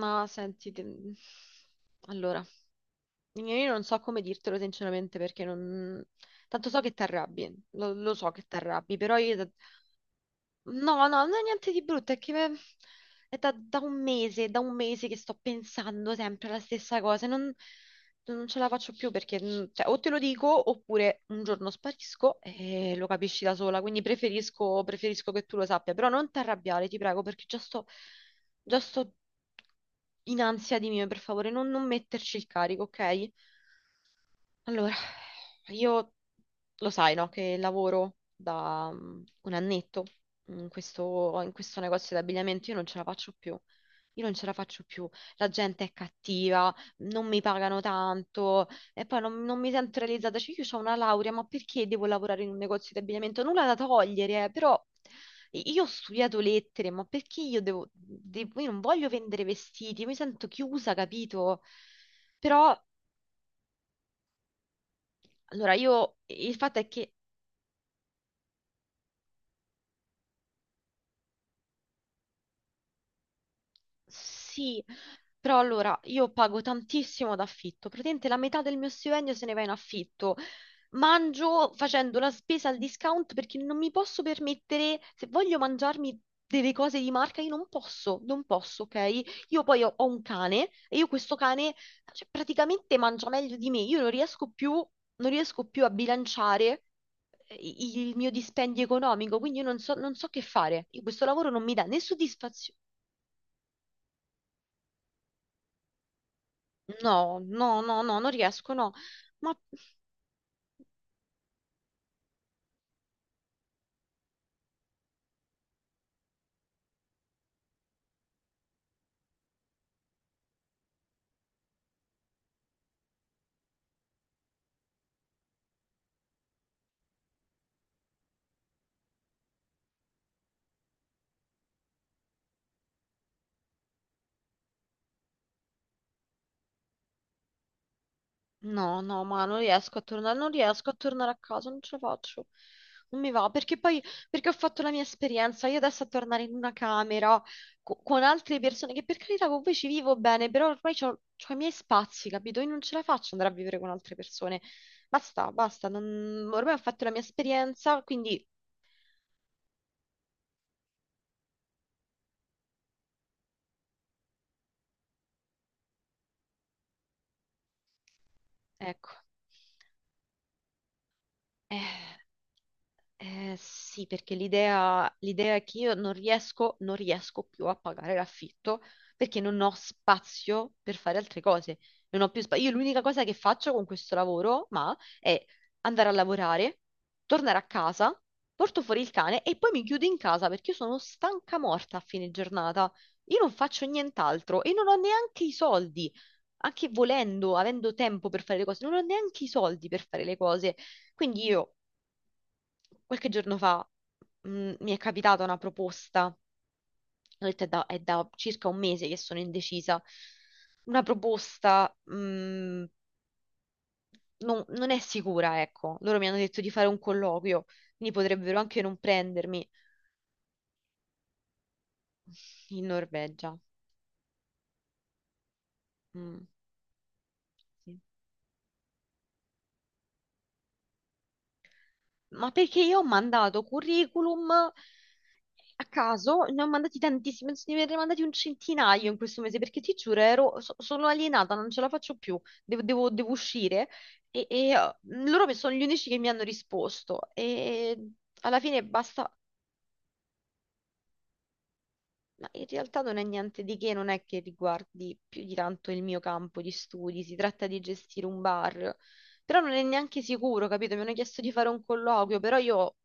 Ma senti, allora, io non so come dirtelo sinceramente perché non. Tanto so che ti arrabbi, lo so che ti arrabbi, però io. No, no, non è niente di brutto, è che è da un mese, da un mese che sto pensando sempre alla stessa cosa, e non ce la faccio più perché cioè, o te lo dico oppure un giorno sparisco e lo capisci da sola, quindi preferisco che tu lo sappia, però non ti arrabbiare, ti prego, perché già sto in ansia di mio, per favore, non metterci il carico, ok? Allora, io lo sai, no, che lavoro da un annetto in questo negozio di abbigliamento, io non ce la faccio più. Io non ce la faccio più. La gente è cattiva, non mi pagano tanto e poi non mi sento realizzata. Cioè, io ho una laurea, ma perché devo lavorare in un negozio di abbigliamento? Nulla da togliere, però io ho studiato lettere, ma perché io non voglio vendere vestiti, io mi sento chiusa, capito? Però allora, io il fatto è che. Sì, però allora io pago tantissimo d'affitto, praticamente la metà del mio stipendio se ne va in affitto. Mangio facendo la spesa al discount perché non mi posso permettere, se voglio mangiarmi delle cose di marca, io non posso, non posso, ok? Io poi ho un cane e io questo cane, cioè, praticamente mangia meglio di me, io non riesco più a bilanciare il mio dispendio economico, quindi io non so che fare. Io questo lavoro non mi dà né soddisfazione. No, no, no, no, non riesco, no. Ma no, no, ma non riesco a tornare a casa, non ce la faccio. Non mi va, perché ho fatto la mia esperienza, io adesso a tornare in una camera con altre persone che per carità con voi ci vivo bene, però ormai ho i miei spazi, capito? Io non ce la faccio andare a vivere con altre persone. Basta, basta, ormai ho fatto la mia esperienza, quindi ecco. Eh. Sì, perché l'idea è che io non riesco più a pagare l'affitto perché non ho spazio per fare altre cose. Non ho più spazio. Io l'unica cosa che faccio con questo lavoro, ma, è andare a lavorare, tornare a casa, porto fuori il cane e poi mi chiudo in casa perché io sono stanca morta a fine giornata. Io non faccio nient'altro e non ho neanche i soldi. Anche volendo, avendo tempo per fare le cose, non ho neanche i soldi per fare le cose. Quindi io qualche giorno fa mi è capitata una proposta, ho detto è da circa un mese che sono indecisa, una proposta non è sicura, ecco, loro mi hanno detto di fare un colloquio, quindi potrebbero anche non prendermi in Norvegia. Mm, sì. Ma perché io ho mandato curriculum a caso, ne ho mandati tantissimi, penso di averne mandati un centinaio in questo mese, perché ti giuro, sono alienata, non ce la faccio più, devo uscire. E loro sono gli unici che mi hanno risposto. E alla fine basta, ma in realtà non è niente di che, non è che riguardi più di tanto il mio campo di studi, si tratta di gestire un bar, però non è neanche sicuro, capito? Mi hanno chiesto di fare un colloquio, però io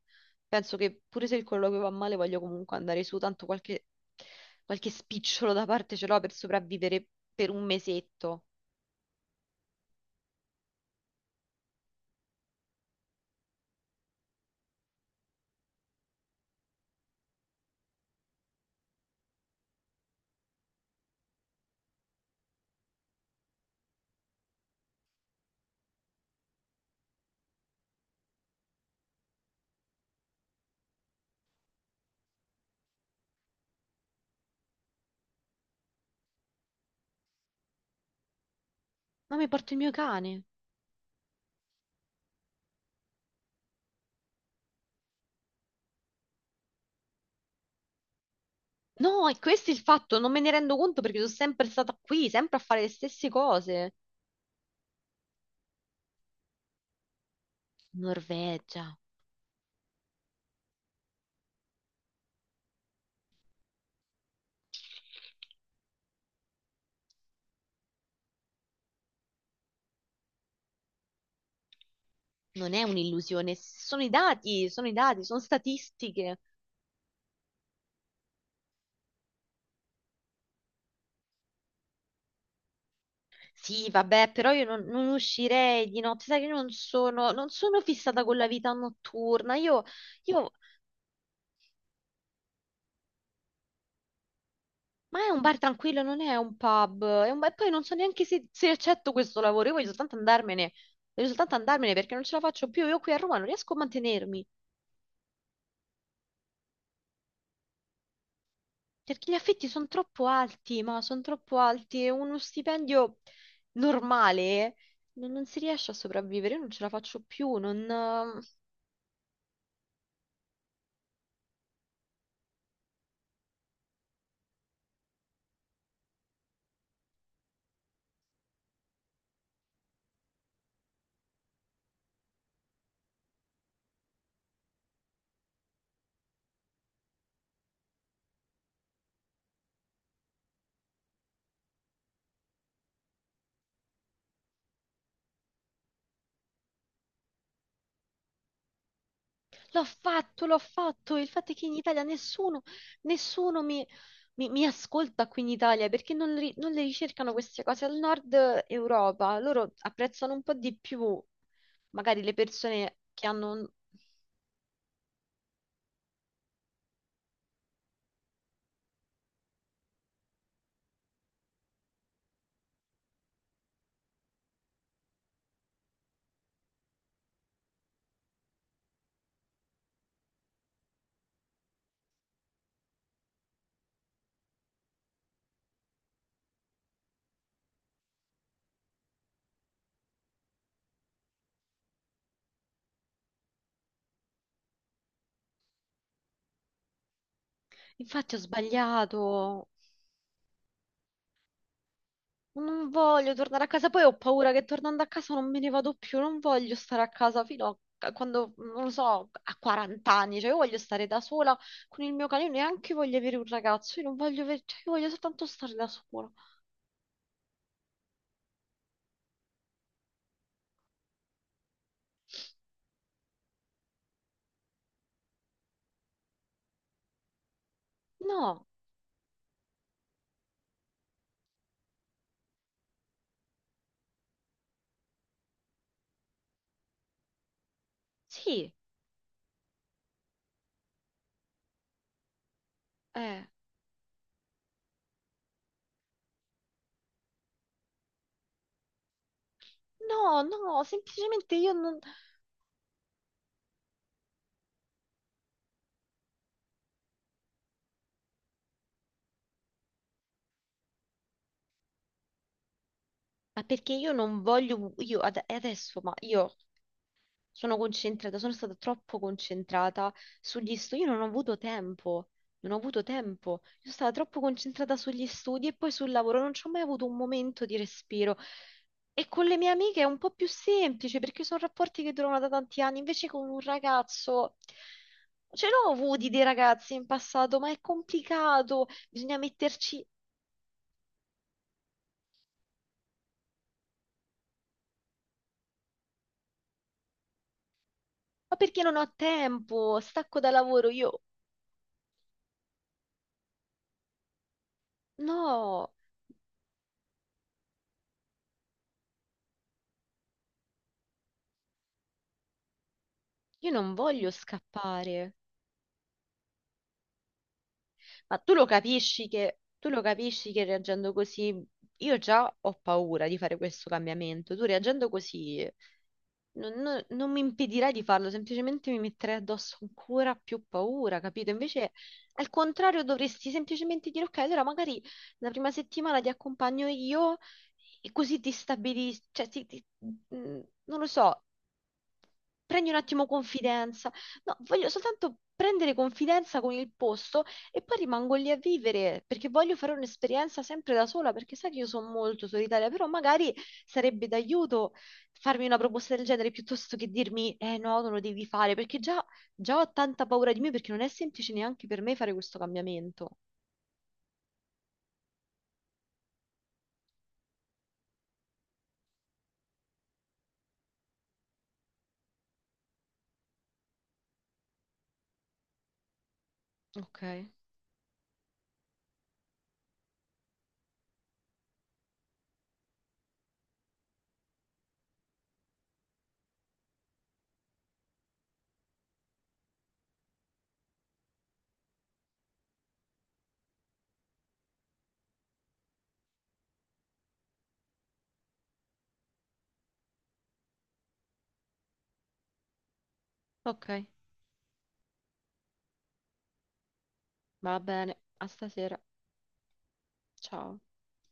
penso che pure se il colloquio va male voglio comunque andare su, tanto qualche spicciolo da parte ce l'ho per sopravvivere per un mesetto. Ma mi porto il mio cane. No, è questo il fatto, non me ne rendo conto perché sono sempre stata qui, sempre a fare le stesse cose. Norvegia. Non è un'illusione, sono i dati, sono i dati, sono statistiche. Sì, vabbè, però io non uscirei di notte, sai che non sono fissata con la vita notturna. Io- ma è un bar tranquillo, non è un pub. E poi non so neanche se, accetto questo lavoro. Io voglio soltanto andarmene perché non ce la faccio più. Io qui a Roma non riesco a mantenermi. Perché gli affitti sono troppo alti, ma sono troppo alti e uno stipendio normale non si riesce a sopravvivere, io non ce la faccio più, non. L'ho fatto, il fatto è che in Italia nessuno, nessuno mi ascolta qui in Italia perché non le ricercano queste cose al nord Europa, loro apprezzano un po' di più magari le persone che hanno. Infatti ho sbagliato. Non voglio tornare a casa, poi ho paura che tornando a casa non me ne vado più, non voglio stare a casa fino a quando, non lo so, a 40 anni, cioè io voglio stare da sola con il mio cane, io neanche voglio avere un ragazzo, io non voglio avere, cioè io voglio soltanto stare da sola. No, sì, eh, no, no, semplicemente io non, ma perché io non voglio, io adesso, ma io sono concentrata, sono stata troppo concentrata sugli studi, io non ho avuto tempo, non ho avuto tempo, io sono stata troppo concentrata sugli studi e poi sul lavoro, non ci ho mai avuto un momento di respiro. E con le mie amiche è un po' più semplice perché sono rapporti che durano da tanti anni, invece con un ragazzo ce l'ho avuti dei ragazzi in passato, ma è complicato, bisogna metterci, ma perché non ho tempo, stacco da lavoro, io no, io non voglio scappare. Ma tu lo capisci che, reagendo così, io già ho paura di fare questo cambiamento. Tu reagendo così non mi impedirai di farlo, semplicemente mi metterai addosso ancora più paura, capito? Invece, al contrario, dovresti semplicemente dire, ok, allora magari la prima settimana ti accompagno io e così ti stabilisci, cioè mm, non lo so. Prendi un attimo confidenza. No, voglio soltanto prendere confidenza con il posto e poi rimango lì a vivere perché voglio fare un'esperienza sempre da sola, perché sai che io sono molto solitaria, però magari sarebbe d'aiuto farmi una proposta del genere piuttosto che dirmi eh no, non lo devi fare, perché già ho tanta paura di me perché non è semplice neanche per me fare questo cambiamento. Ok, ok, va bene, a stasera. Ciao.